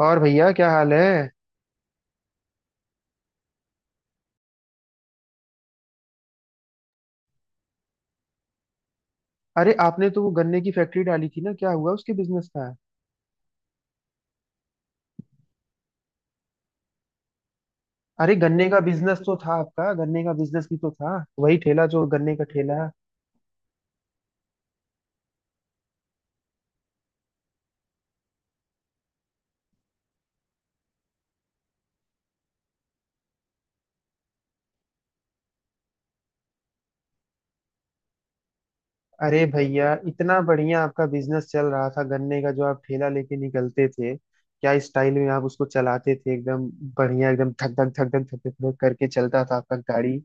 और भैया क्या हाल है। अरे आपने तो वो गन्ने की फैक्ट्री डाली थी ना, क्या हुआ उसके बिजनेस का। अरे गन्ने का बिजनेस तो था आपका, गन्ने का बिजनेस भी तो था, वही ठेला, जो गन्ने का ठेला। अरे भैया इतना बढ़िया आपका बिजनेस चल रहा था गन्ने का, जो आप ठेला लेके निकलते थे, क्या स्टाइल में आप उसको चलाते थे एकदम बढ़िया, एकदम धक धक धक धक धक धक धक करके चलता था आपका गाड़ी।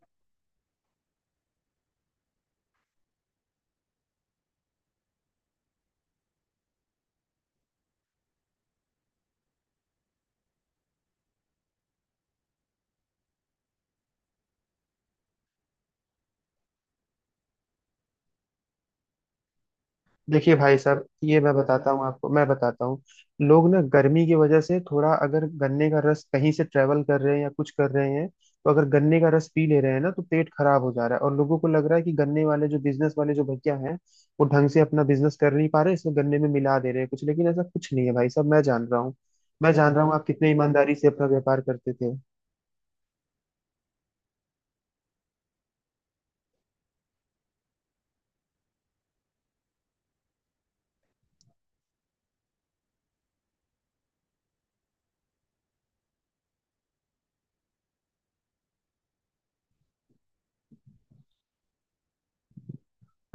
देखिए भाई साहब ये मैं बताता हूँ आपको, मैं बताता हूँ। लोग ना गर्मी की वजह से थोड़ा, अगर गन्ने का रस कहीं से ट्रेवल कर रहे हैं या कुछ कर रहे हैं, तो अगर गन्ने का रस पी ले रहे हैं ना, तो पेट खराब हो जा रहा है, और लोगों को लग रहा है कि गन्ने वाले जो बिजनेस वाले जो भैया हैं, वो ढंग से अपना बिजनेस कर नहीं पा रहे, इसलिए गन्ने में मिला दे रहे हैं कुछ, लेकिन ऐसा कुछ नहीं है भाई साहब, मैं जान रहा हूँ। मैं जान रहा हूँ आप कितने ईमानदारी से अपना व्यापार करते थे।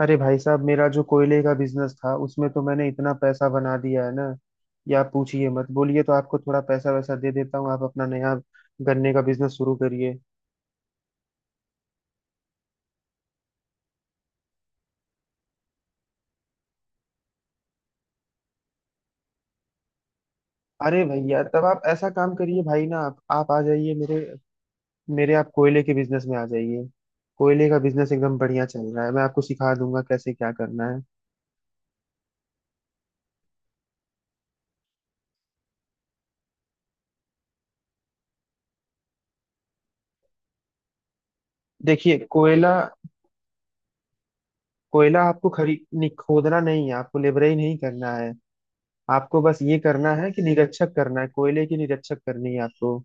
अरे भाई साहब, मेरा जो कोयले का बिजनेस था उसमें तो मैंने इतना पैसा बना दिया है ना कि आप पूछिए मत। बोलिए तो आपको थोड़ा पैसा वैसा दे देता हूँ, आप अपना नया गन्ने का बिजनेस शुरू करिए। अरे भैया तब आप ऐसा काम करिए, भाई ना, आप आ जाइए मेरे मेरे आप कोयले के बिजनेस में आ जाइए। कोयले का बिजनेस एकदम बढ़िया चल रहा है, मैं आपको सिखा दूंगा कैसे क्या करना है। देखिए कोयला, आपको खरी नहीं, खोदना नहीं है, आपको लेबराई नहीं करना है, आपको बस ये करना है कि निरक्षक करना है, कोयले की निरक्षक करनी है आपको।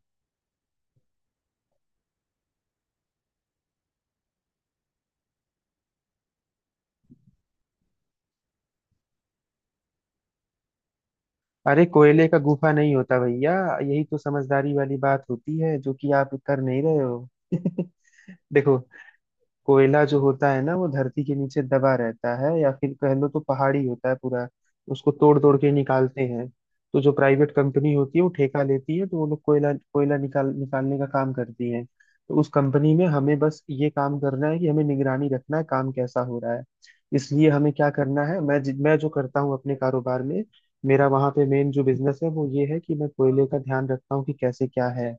अरे कोयले का गुफा नहीं होता भैया, यही तो समझदारी वाली बात होती है, जो कि आप कर नहीं रहे हो देखो, कोयला जो होता है ना, वो धरती के नीचे दबा रहता है, या फिर कह लो तो पहाड़ी होता है पूरा, उसको तोड़ तोड़ के निकालते हैं। तो जो प्राइवेट कंपनी होती है वो ठेका लेती है, तो वो लोग कोयला कोयला निकालने का काम करती है, तो उस कंपनी में हमें बस ये काम करना है कि हमें निगरानी रखना है काम कैसा हो रहा है। इसलिए हमें क्या करना है, मैं जो करता हूँ अपने कारोबार में, मेरा वहां पे मेन जो बिजनेस है वो ये है कि मैं कोयले का ध्यान रखता हूँ कि कैसे क्या है।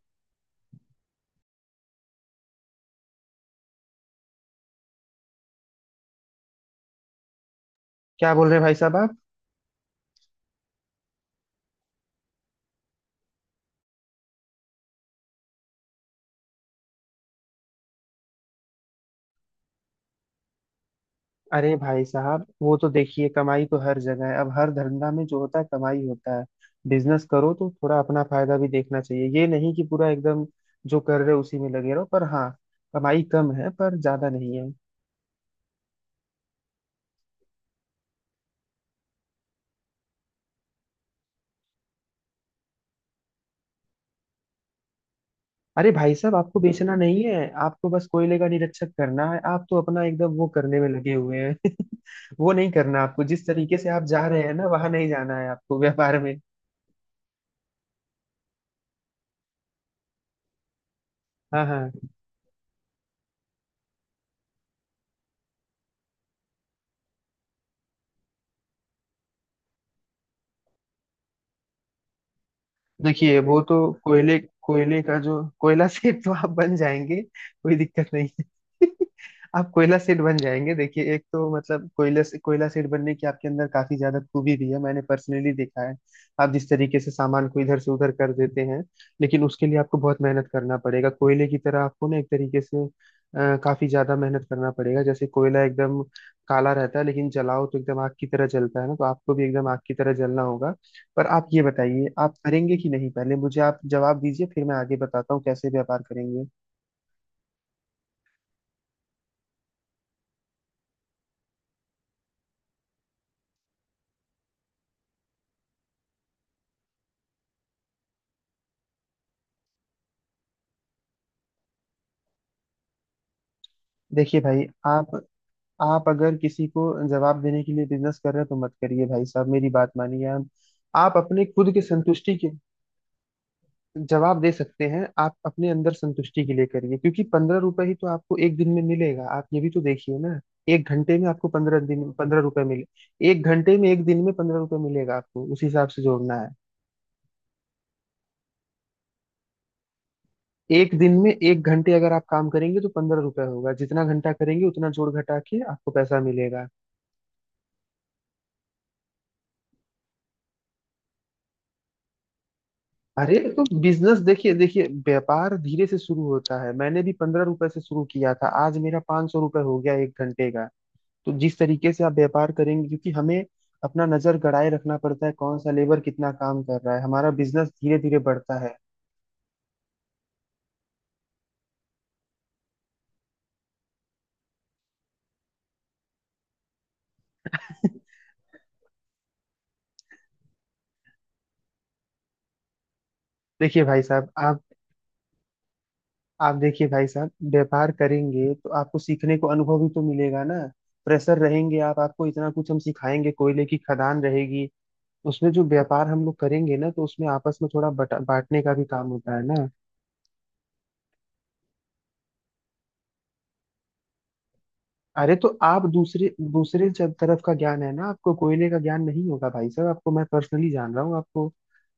क्या बोल रहे हैं भाई साहब आप। अरे भाई साहब वो तो देखिए, कमाई तो हर जगह है, अब हर धंधा में जो होता है कमाई होता है। बिजनेस करो तो थोड़ा अपना फायदा भी देखना चाहिए, ये नहीं कि पूरा एकदम जो कर रहे हो उसी में लगे रहो, पर हाँ, कमाई कम है पर ज्यादा नहीं है। अरे भाई साहब आपको बेचना नहीं है, आपको बस कोयले का निरीक्षक करना है, आप तो अपना एकदम वो करने में लगे हुए हैं वो नहीं करना आपको, जिस तरीके से आप जा रहे हैं ना, वहां नहीं जाना है आपको व्यापार में। हाँ हाँ। देखिए वो तो कोयले कोयले का जो कोयला सेठ, तो आप बन जाएंगे, कोई दिक्कत नहीं है आप कोयला सेठ बन जाएंगे, देखिए एक तो मतलब कोयला से कोयला सेठ बनने की आपके अंदर काफी ज्यादा खूबी भी है, मैंने पर्सनली देखा है आप जिस तरीके से सामान को इधर से उधर कर देते हैं। लेकिन उसके लिए आपको बहुत मेहनत करना पड़ेगा, कोयले की तरह आपको ना एक तरीके से, काफी ज्यादा मेहनत करना पड़ेगा। जैसे कोयला एकदम काला रहता है, लेकिन जलाओ तो एकदम आग की तरह जलता है ना, तो आपको भी एकदम आग की तरह जलना होगा। पर आप ये बताइए, आप करेंगे कि नहीं, पहले मुझे आप जवाब दीजिए, फिर मैं आगे बताता हूँ कैसे व्यापार करेंगे। देखिए भाई आप, अगर किसी को जवाब देने के लिए बिजनेस कर रहे हैं तो मत करिए भाई साहब, मेरी बात मानिए। आप अपने खुद की संतुष्टि के जवाब दे सकते हैं, आप अपने अंदर संतुष्टि के लिए करिए, क्योंकि 15 रुपए ही तो आपको एक दिन में मिलेगा, आप ये भी तो देखिए ना। एक घंटे में आपको 15 दिन 15 रुपए मिले, एक घंटे में एक दिन में 15 रुपए मिलेगा आपको, उस हिसाब से जोड़ना है। एक दिन में एक घंटे अगर आप काम करेंगे तो 15 रुपए होगा, जितना घंटा करेंगे उतना जोड़ घटा के आपको पैसा मिलेगा। अरे तो बिजनेस देखिए, व्यापार धीरे से शुरू होता है, मैंने भी 15 रुपए से शुरू किया था, आज मेरा 500 रुपये हो गया एक घंटे का। तो जिस तरीके से आप व्यापार करेंगे, क्योंकि हमें अपना नजर गड़ाए रखना पड़ता है, कौन सा लेबर कितना काम कर रहा है, हमारा बिजनेस धीरे धीरे बढ़ता है देखिए भाई साहब आप, देखिए भाई साहब, व्यापार करेंगे तो आपको सीखने को अनुभव भी तो मिलेगा ना, प्रेशर रहेंगे आप, आपको इतना कुछ हम सिखाएंगे, कोयले की खदान रहेगी, उसमें जो व्यापार हम लोग करेंगे ना, तो उसमें आपस में थोड़ा बटा बांटने का भी काम होता है ना। अरे तो आप दूसरे दूसरे जब तरफ का ज्ञान है ना, आपको कोयले का ज्ञान नहीं होगा भाई साहब, आपको मैं पर्सनली जान रहा हूँ आपको।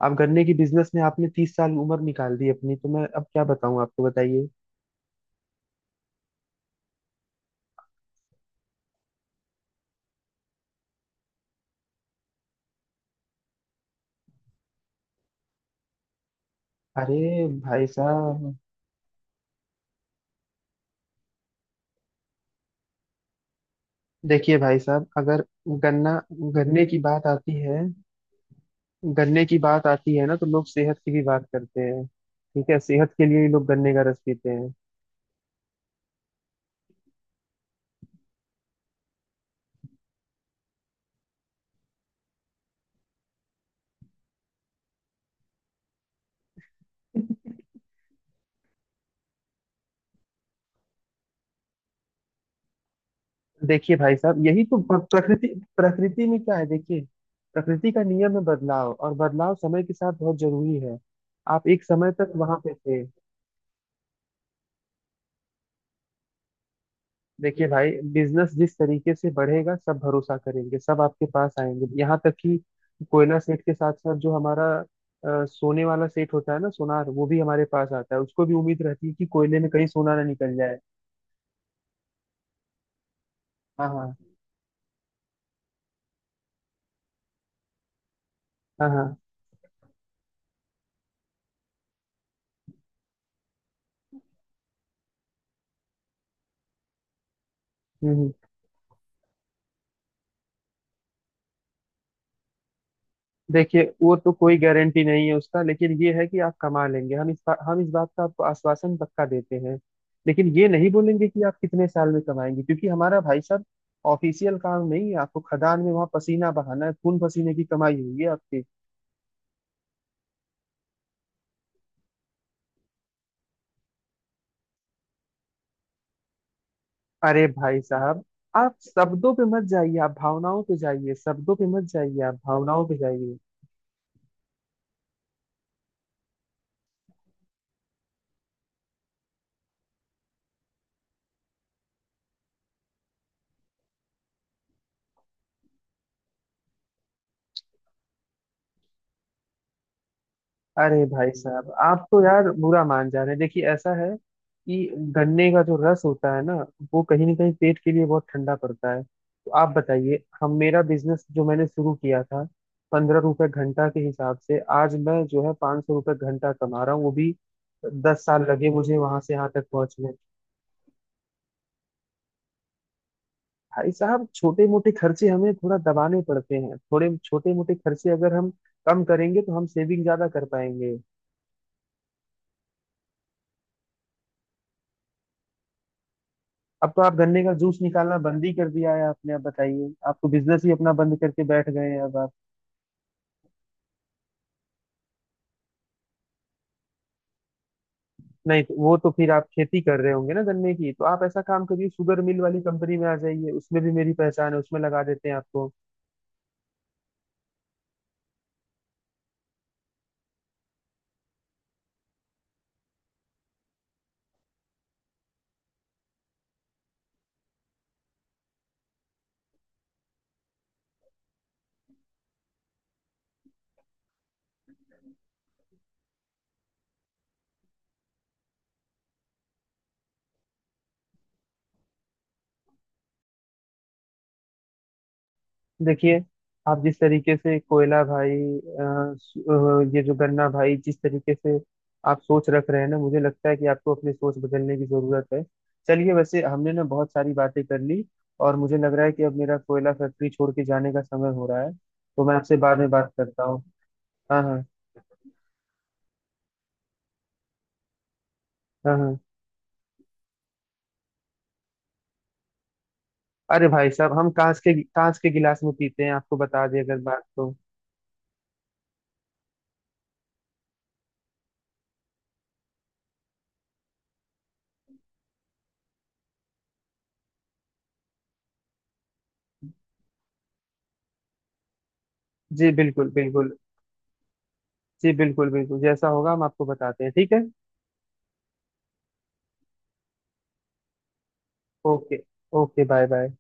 आप गन्ने की बिजनेस में आपने 30 साल उम्र निकाल दी अपनी, तो मैं अब क्या बताऊँ आपको, बताइए। अरे भाई साहब, देखिए भाई साहब, अगर गन्ना, गन्ने की बात आती है गन्ने की बात आती है ना तो लोग सेहत की भी बात करते हैं, ठीक है, सेहत के लिए ही लोग गन्ने का रस पीते हैं। देखिए भाई साहब, यही तो प्रकृति, प्रकृति में क्या है देखिए, प्रकृति का नियम है बदलाव, और बदलाव समय के साथ बहुत जरूरी है, आप एक समय तक वहां पे थे। देखिए भाई, बिजनेस जिस तरीके से बढ़ेगा सब भरोसा करेंगे, सब आपके पास आएंगे, यहाँ तक कि कोयला सेठ के साथ साथ जो हमारा, सोने वाला सेठ होता है ना सोनार, वो भी हमारे पास आता है, उसको भी उम्मीद रहती है कि कोयले में कहीं सोना ना निकल जाए। हाँ हाँ। हाँ हाँ। हम्म। देखिए वो तो कोई गारंटी नहीं है उसका, लेकिन ये है कि आप कमा लेंगे, हम इस बात का आपको आश्वासन पक्का देते हैं। लेकिन ये नहीं बोलेंगे कि आप कितने साल में कमाएंगे, क्योंकि हमारा भाई साहब ऑफिशियल काम नहीं है, आपको खदान में वहां पसीना बहाना है, खून पसीने की कमाई हुई है आपकी। अरे भाई साहब, आप शब्दों पे मत जाइए, आप भावनाओं पे जाइए, शब्दों पे मत जाइए, आप भावनाओं पे जाइए। अरे भाई साहब, आप तो यार बुरा मान जा रहे हैं, देखिए ऐसा है कि गन्ने का जो रस होता है ना, वो कहीं ना कहीं पेट के लिए बहुत ठंडा पड़ता है। तो आप बताइए, हम मेरा बिजनेस जो मैंने शुरू किया था 15 रुपए घंटा के हिसाब से, आज मैं जो है 500 रुपये घंटा कमा रहा हूँ, वो भी 10 साल लगे मुझे वहां से यहाँ तक पहुंचने। भाई साहब, छोटे मोटे खर्चे हमें थोड़ा दबाने पड़ते हैं, थोड़े छोटे मोटे खर्चे अगर हम कम करेंगे तो हम सेविंग ज्यादा कर पाएंगे। अब तो आप गन्ने का जूस निकालना बंद ही कर दिया है आपने, अब बताइए, आप तो बिजनेस ही अपना बंद करके बैठ गए हैं अब आप। नहीं तो वो तो फिर आप खेती कर रहे होंगे ना गन्ने की, तो आप ऐसा काम करिए, शुगर मिल वाली कंपनी में आ जाइए, उसमें भी मेरी पहचान है, उसमें लगा देते हैं आपको। देखिए आप जिस तरीके से कोयला भाई, ये जो गन्ना भाई, जिस तरीके से आप सोच रख रहे हैं ना, मुझे लगता है कि आपको अपनी सोच बदलने की जरूरत है। चलिए वैसे हमने ना बहुत सारी बातें कर ली, और मुझे लग रहा है कि अब मेरा कोयला फैक्ट्री छोड़ के जाने का समय हो रहा है, तो मैं आपसे बाद में बात करता हूँ। हाँ हाँ। हाँ हाँ। अरे भाई साहब, हम कांच के गिलास में पीते हैं, आपको बता दें अगर बात तो। जी बिल्कुल बिल्कुल। जी बिल्कुल बिल्कुल, जैसा होगा हम आपको बताते हैं, ठीक है। ओके। Okay bye bye.